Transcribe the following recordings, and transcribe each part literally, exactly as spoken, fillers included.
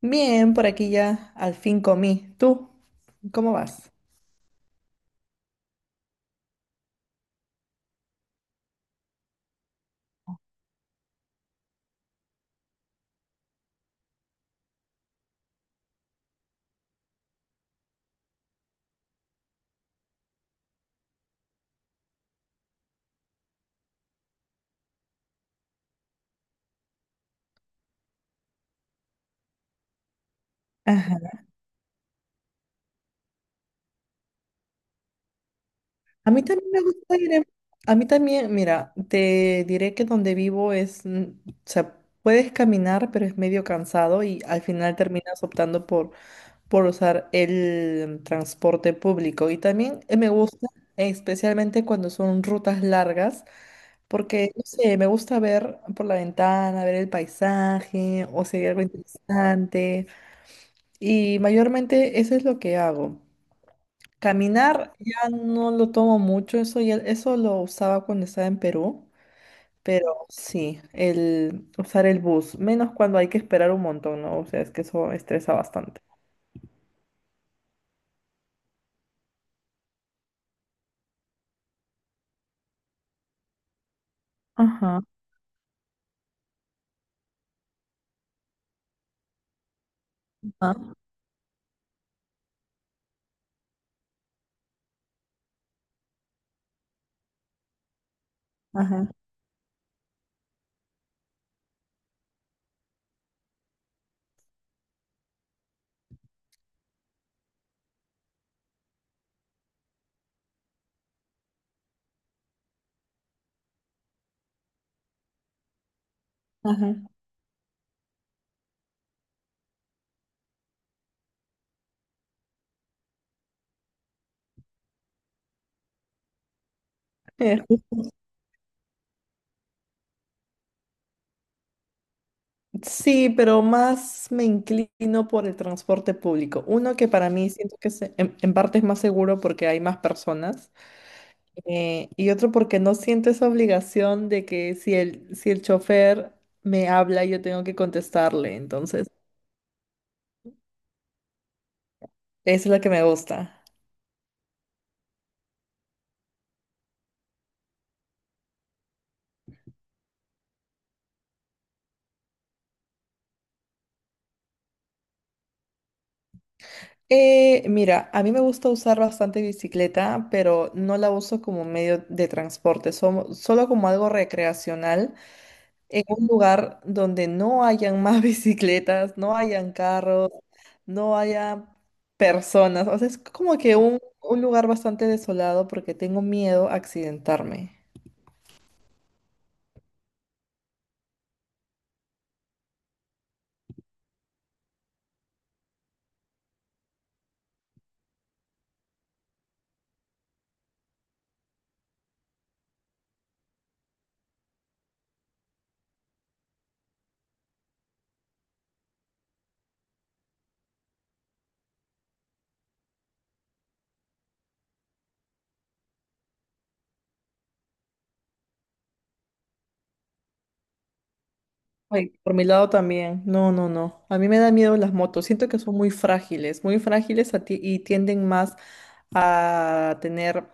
Bien, por aquí ya al fin comí. ¿Tú? ¿Cómo vas? Ajá. A mí también me gusta ir en- A mí también, mira, te diré que donde vivo es, mm, o sea, puedes caminar, pero es medio cansado y al final terminas optando por, por usar el transporte público. Y también eh, me gusta, especialmente cuando son rutas largas, porque, no sé, me gusta ver por la ventana, ver el paisaje o si hay algo interesante. Y mayormente eso es lo que hago. Caminar ya no lo tomo mucho, eso ya, eso lo usaba cuando estaba en Perú, pero sí, el usar el bus, menos cuando hay que esperar un montón, ¿no? O sea, es que eso estresa bastante. Ajá, ajá, ajá, ajá. Eh, Sí, pero más me inclino por el transporte público. Uno que para mí siento que es en, en parte es más seguro porque hay más personas. Eh, y otro porque no siento esa obligación de que si el, si el chofer me habla, yo tengo que contestarle. Entonces, esa es la que me gusta. Eh, mira, a mí me gusta usar bastante bicicleta, pero no la uso como medio de transporte, somo- solo como algo recreacional en un lugar donde no hayan más bicicletas, no hayan carros, no haya personas. O sea, es como que un, un lugar bastante desolado porque tengo miedo a accidentarme. Ay, por mi lado también. No, no, no. A mí me da miedo las motos. Siento que son muy frágiles, muy frágiles a ti- y tienden más a tener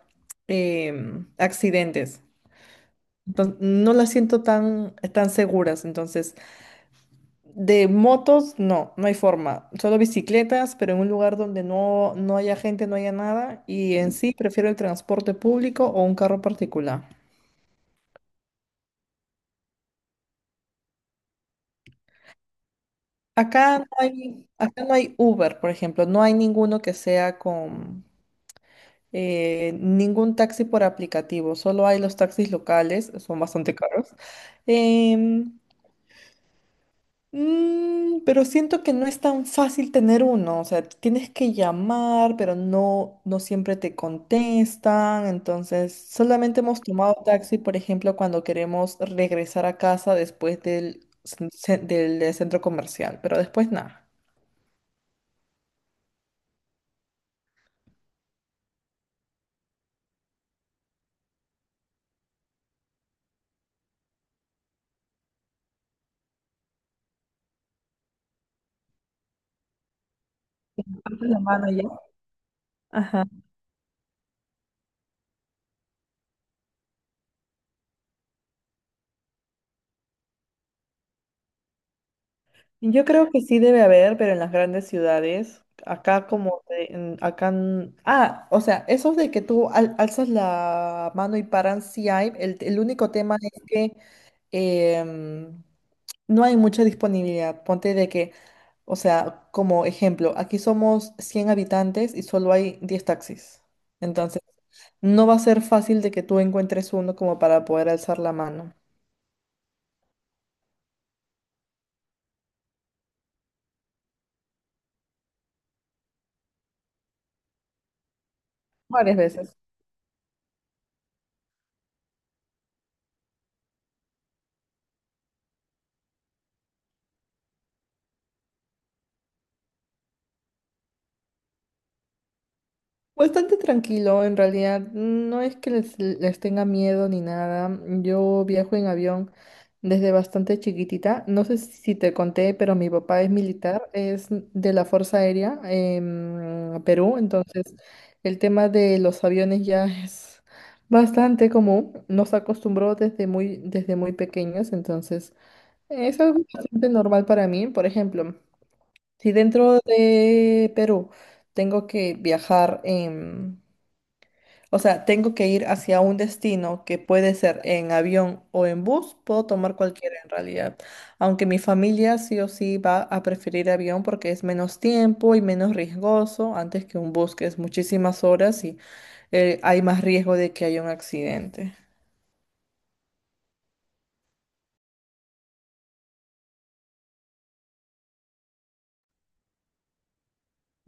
em, accidentes. Entonces, no las siento tan, tan seguras. Entonces, de motos, no, no hay forma. Solo bicicletas, pero en un lugar donde no, no haya gente, no haya nada. Y en sí, prefiero el transporte público o un carro particular. Acá no hay, acá no hay Uber, por ejemplo. No hay ninguno que sea con eh, ningún taxi por aplicativo, solo hay los taxis locales, son bastante caros. Em, mm, pero siento que no es tan fácil tener uno, o sea, tienes que llamar, pero no, no siempre te contestan, entonces solamente hemos tomado taxi, por ejemplo, cuando queremos regresar a casa después del, cen- cen- del, eh, centro comercial, pero después nada. Levantas la mano ya. Ajá. Yo creo que sí debe haber, pero en las grandes ciudades, acá como, te- en- acá, n- ah, o sea, esos de que tú al- alzas la mano y paran, sí hay, el, el único tema es que em, no hay mucha disponibilidad. Ponte de que, o sea, como ejemplo, aquí somos cien habitantes y solo hay diez taxis. Entonces, no va a ser fácil de que tú encuentres uno como para poder alzar la mano. Varias veces. Bastante tranquilo, en realidad. No es que les, les tenga miedo ni nada. Yo viajo en avión desde bastante chiquitita. No sé si te conté, pero mi papá es militar, es de la Fuerza Aérea en Perú, entonces el tema de los aviones ya es bastante común. Nos acostumbró desde muy, desde muy pequeños, entonces es algo bastante normal para mí. Por ejemplo, si dentro de Perú tengo que viajar en o sea, tengo que ir hacia un destino que puede ser en avión o en bus, puedo tomar cualquiera en realidad. Aunque mi familia sí o sí va a preferir avión porque es menos tiempo y menos riesgoso antes que un bus, que es muchísimas horas y eh, hay más riesgo de que haya un accidente.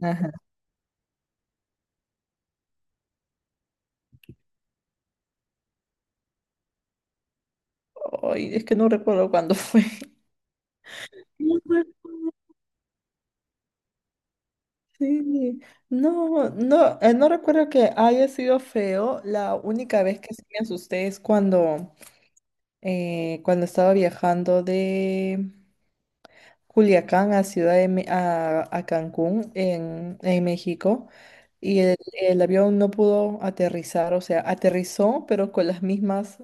Ajá. Ay, es que no recuerdo cuándo fue. No, sí, no, no, eh, no recuerdo que haya sido feo. La única vez que sí me asusté es cuando eh, cuando estaba viajando de Culiacán a Ciudad de Me- a, a Cancún en, en México y el, el avión no pudo aterrizar, o sea, aterrizó, pero con las mismas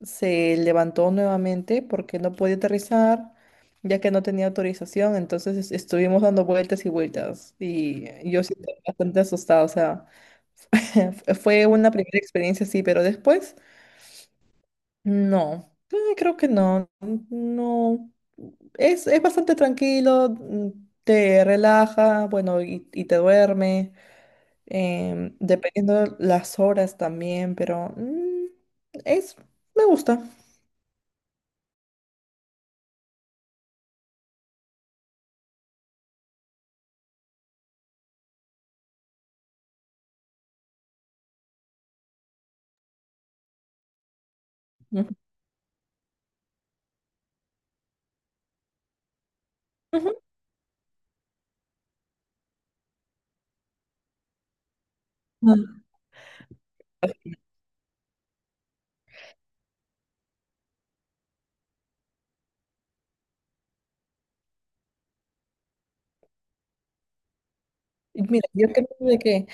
se levantó nuevamente porque no podía aterrizar ya que no tenía autorización, entonces es- estuvimos dando vueltas y vueltas y yo sí estaba bastante asustada, o sea, fue una primera experiencia, sí, pero después... No, eh, creo que no, no, es, es bastante tranquilo, mm, te relaja, bueno, y, y te duerme, em, dependiendo las horas también, pero mm, es, me gusta. Ujú, ujú. Ah, y mira, yo creo de que,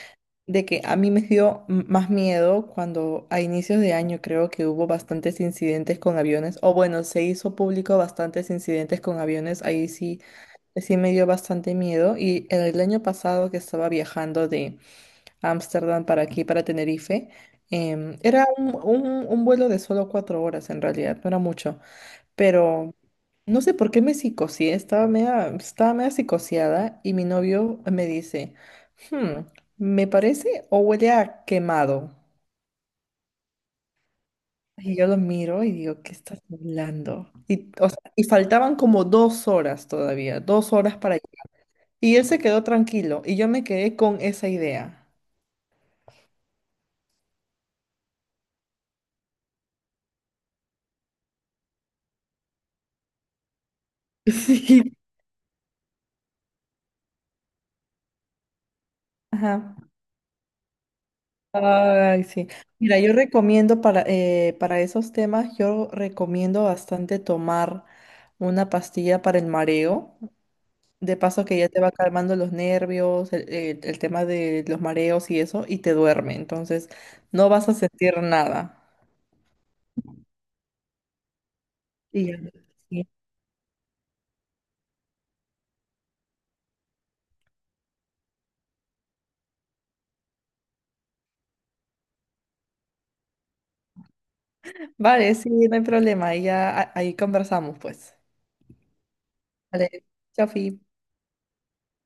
de que a mí me dio m- más miedo cuando a inicios de año creo que hubo bastantes incidentes con aviones, o bueno, se hizo público bastantes incidentes con aviones, ahí sí. Sí me dio bastante miedo y el año pasado que estaba viajando de Ámsterdam para aquí, para Tenerife, em, era un, un- un vuelo de solo cuatro horas en realidad, no era mucho, pero no sé por qué me psicoseé, estaba media, estaba media psicoseada y mi novio me dice, "Hmm, ¿me parece o huele a quemado?" Y yo lo miro y digo, ¿qué estás hablando? Y, o sea, y faltaban como dos horas todavía, dos horas para Y él se quedó tranquilo y yo me quedé con esa idea. Sí. Ajá. Ay, sí. Mira, yo recomiendo para, eh, para esos temas, yo recomiendo bastante tomar una pastilla para el mareo. De paso que ya te va calmando los nervios, el, el- el tema de los mareos y eso, y te duerme. Entonces, no vas a sentir nada. Y ya. Sí. Vale, sí, no hay problema. Y ya a- ahí conversamos, pues. Vale, chao, Fi.